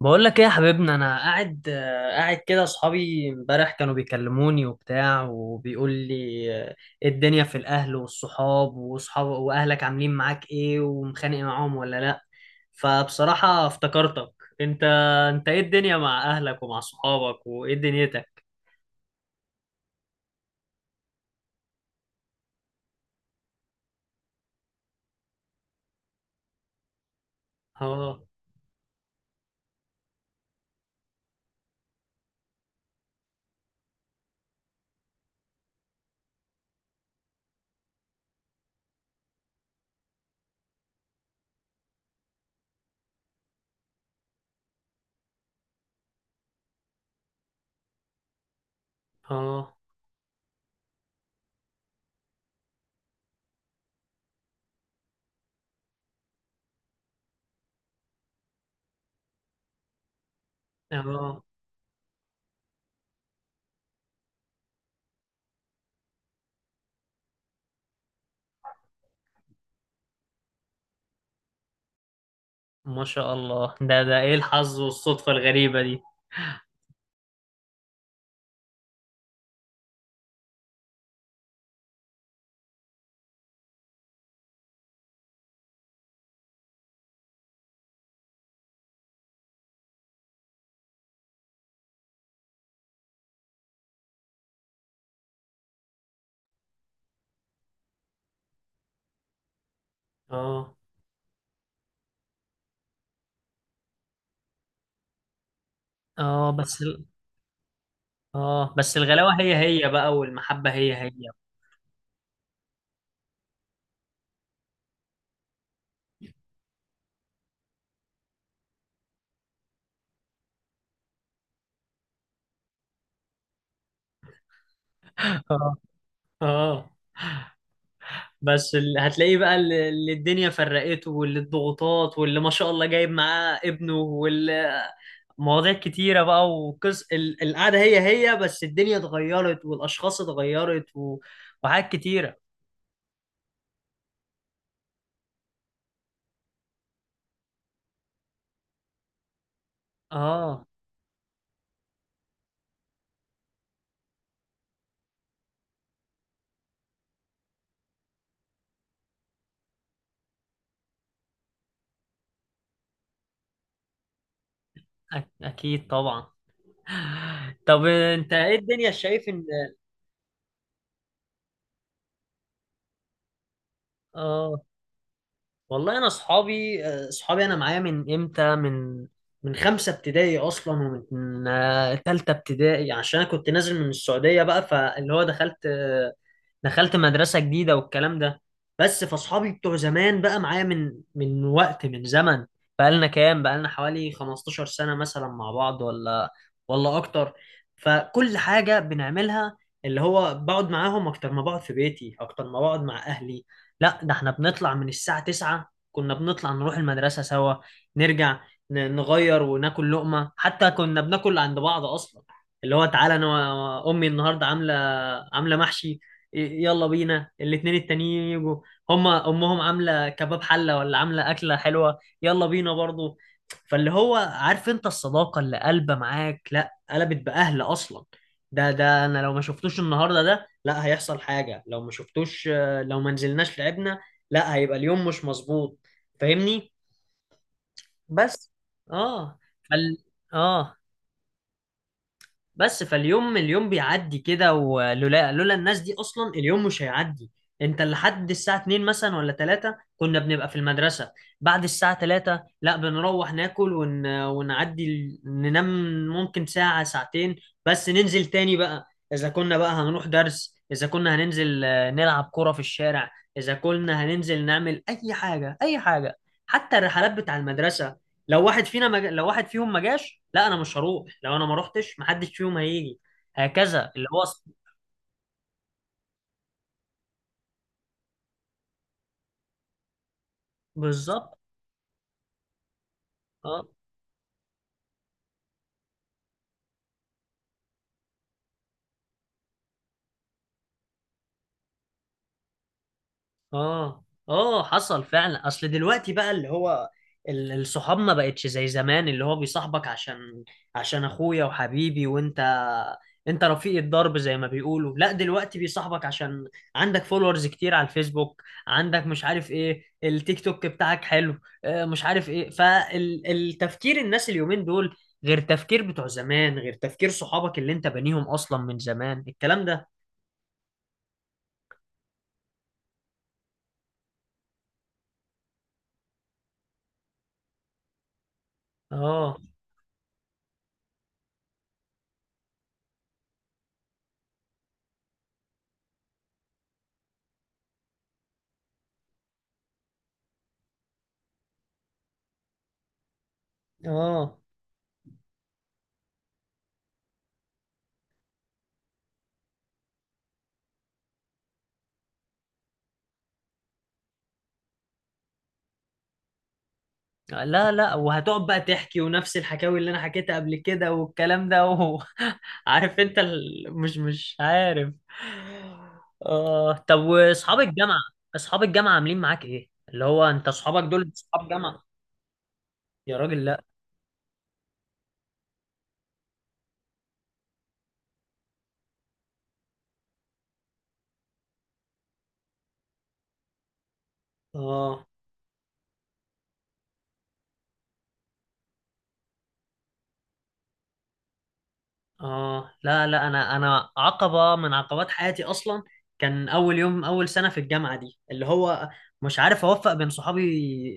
بقول لك ايه يا حبيبنا؟ انا قاعد كده. اصحابي امبارح كانوا بيكلموني وبتاع وبيقول لي، إيه الدنيا في الاهل والصحاب واصحاب واهلك عاملين معاك ايه؟ ومخانق معاهم ولا لا؟ فبصراحة افتكرتك. انت انت ايه الدنيا مع اهلك ومع صحابك وايه دنيتك؟ اه. اه. اه. ما شاء الله، ده ايه الحظ والصدفة الغريبة دي؟ اه. اه بس ال- اه، بس الغلاوة هي هي بقى، والمحبة هي هي. اه، بس هتلاقيه بقى، اللي الدنيا فرقته، واللي الضغوطات، واللي ما شاء الله جايب معاه ابنه، واللي مواضيع كتيرة بقى. وقص القعدة هي هي بس الدنيا اتغيرت والأشخاص اتغيرت وحاجات كتيرة. اه. أكيد طبعا. طب انت ايه الدنيا شايف ان... اه، والله انا اصحابي انا معايا من امتى؟ من خمسه ابتدائي اصلا. ومن تالته ابتدائي عشان انا كنت نازل من السعوديه بقى. فاللي هو دخلت مدرسة جديدة والكلام ده. بس فاصحابي بتوع زمان بقى معايا من وقت، من زمن. بقالنا كام؟ بقالنا حوالي 15 سنة مثلا مع بعض ولا اكتر. فكل حاجة بنعملها، اللي هو بقعد معاهم اكتر ما بقعد في بيتي، اكتر ما بقعد مع اهلي. لا، ده احنا بنطلع من الساعة 9، كنا بنطلع نروح المدرسة سوا، نرجع، نغير وناكل لقمة. حتى كنا بناكل عند بعض اصلا. اللي هو تعالى انا امي النهارده عامله محشي، يلا بينا. الاتنين التانيين يجوا، هما امهم عامله كباب حله ولا عامله اكله حلوه، يلا بينا برضو. فاللي هو عارف انت الصداقه اللي قلبه معاك لا قلبت باهل اصلا. ده ده انا لو ما شفتوش النهارده ده، لا هيحصل حاجه لو ما شفتوش. لو ما نزلناش لعبنا لا هيبقى اليوم مش مظبوط. فاهمني؟ بس. اه فال... اه بس فاليوم بيعدي كده. ولولا لولا الناس دي اصلا، اليوم مش هيعدي. انت لحد الساعة 2 مثلا ولا 3 كنا بنبقى في المدرسة. بعد الساعة 3 لا، بنروح ناكل ونعدي ننام ممكن ساعة ساعتين. بس ننزل تاني بقى، اذا كنا بقى هنروح درس، اذا كنا هننزل نلعب كرة في الشارع، اذا كنا هننزل نعمل اي حاجة اي حاجة. حتى الرحلات بتاع المدرسة، لو واحد فيهم ما جاش لا انا مش هروح. لو انا ما روحتش محدش فيهم هيجي، هكذا اللي هو. بالظبط. اه. اه. اه. حصل فعلا. اصل دلوقتي بقى اللي هو الصحاب ما بقتش زي زمان. اللي هو بيصاحبك عشان اخويا وحبيبي، وانت رفيق الدرب زي ما بيقولوا. لا، دلوقتي بيصاحبك عشان عندك فولورز كتير على الفيسبوك، عندك مش عارف ايه، التيك توك بتاعك حلو. مش عارف ايه. فالتفكير الناس اليومين دول غير تفكير بتوع زمان، غير تفكير صحابك اللي انت بنيهم اصلا من زمان الكلام ده. اه. اه. لا، لا، وهتقعد بقى تحكي ونفس الحكاوي اللي انا حكيتها قبل كده والكلام ده عارف انت مش عارف. اه، طب واصحاب الجامعه؟ اصحاب الجامعه عاملين معاك ايه، اللي هو انت اصحابك دول اصحاب جامعه؟ يا راجل لا. اه. اه. لا، لا. انا عقبه من عقبات حياتي اصلا. كان اول يوم اول سنه في الجامعه دي اللي هو مش عارف اوفق بين صحابي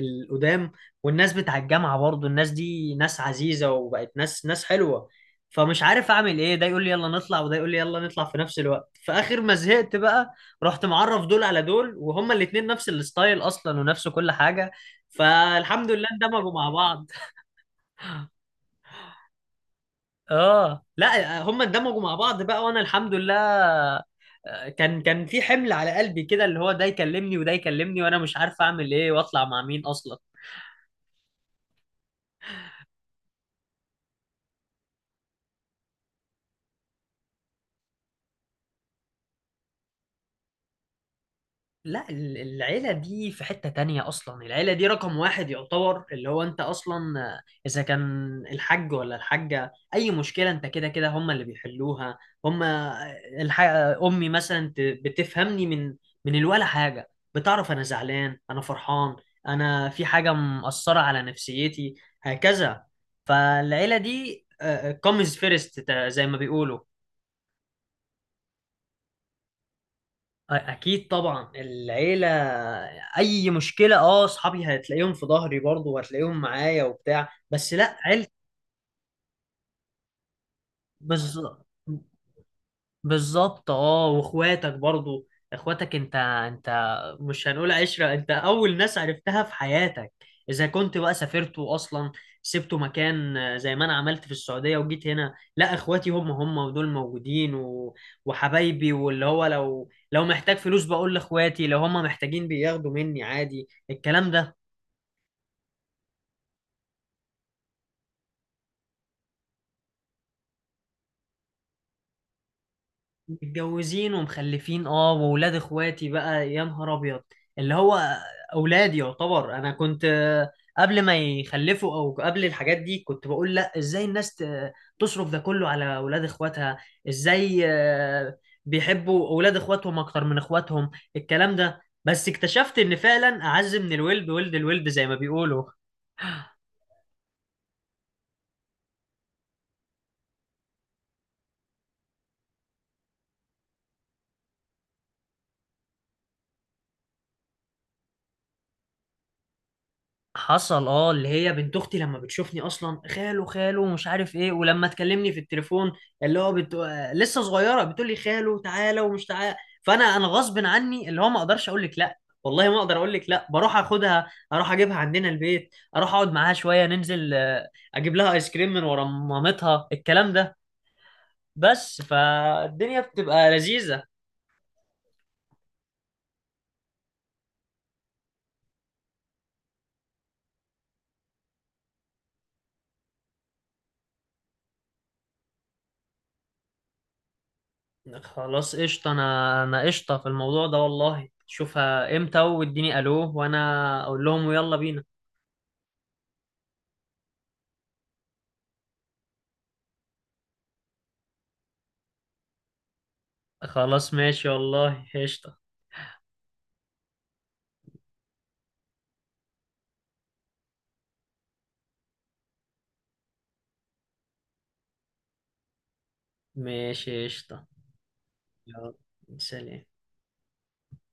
القدام والناس بتاع الجامعه. برضو الناس دي ناس عزيزه وبقت ناس، ناس حلوه. فمش عارف اعمل ايه، ده يقول لي يلا نطلع وده يقول لي يلا نطلع في نفس الوقت. فاخر ما زهقت بقى رحت معرف دول على دول، وهما الاتنين نفس الستايل اصلا ونفس كل حاجه. فالحمد لله اندمجوا مع بعض. اه، لا هم اندمجوا مع بعض بقى وانا الحمد لله. كان في حمل على قلبي كده، اللي هو ده يكلمني وده يكلمني وانا مش عارف اعمل ايه واطلع مع مين اصلا. لا العيلة دي في حتة تانية أصلا. العيلة دي رقم واحد يعتبر، اللي هو أنت أصلا. إذا كان الحاج ولا الحاجة أي مشكلة، أنت كده كده هما اللي بيحلوها. هما الح... أمي مثلا بتفهمني من الولا حاجة، بتعرف أنا زعلان، أنا فرحان، أنا في حاجة مأثرة على نفسيتي، هكذا. فالعيلة دي كومز فيرست زي ما بيقولوا. اكيد طبعا، العيله. اي مشكله، اه، اصحابي هتلاقيهم في ظهري برضه وهتلاقيهم معايا وبتاع بس لا عيلتي. بالظبط، بالظبط. اه، واخواتك برضو، اخواتك. انت مش هنقول عشرة، انت اول ناس عرفتها في حياتك. اذا كنت بقى سافرت واصلا سبت مكان، زي ما انا عملت في السعودية وجيت هنا، لا اخواتي هم هم ودول موجودين وحبايبي. واللي هو لو محتاج فلوس بقول لاخواتي، لو هم محتاجين بياخدوا مني عادي الكلام ده. متجوزين ومخلفين، اه. واولاد اخواتي بقى يا نهار ابيض، اللي هو اولادي يعتبر. انا كنت قبل ما يخلفوا او قبل الحاجات دي كنت بقول لا ازاي الناس تصرف ده كله على اولاد اخواتها، ازاي بيحبوا اولاد اخواتهم اكتر من اخواتهم الكلام ده. بس اكتشفت ان فعلا اعز من الولد ولد الولد زي ما بيقولوا. حصل. اه، اللي هي بنت اختي لما بتشوفني اصلا، خاله خاله مش عارف ايه. ولما تكلمني في التليفون، اللي هو بت... آه، لسه صغيره بتقول لي خاله تعالى ومش تعالى. فانا غصب عني، اللي هو ما اقدرش اقول لك لا، والله ما اقدر اقول لك لا. بروح اخدها، اروح اجيبها عندنا البيت، اروح اقعد معاها شويه، ننزل اجيب لها ايس كريم من ورا مامتها الكلام ده. بس فالدنيا بتبقى لذيذه. خلاص، قشطة. أنا قشطة في الموضوع ده والله. شوفها إمتى، واديني ألو وأنا أقول لهم ويلا بينا. خلاص ماشي والله، قشطة. ماشي قشطة. يلا. سلام.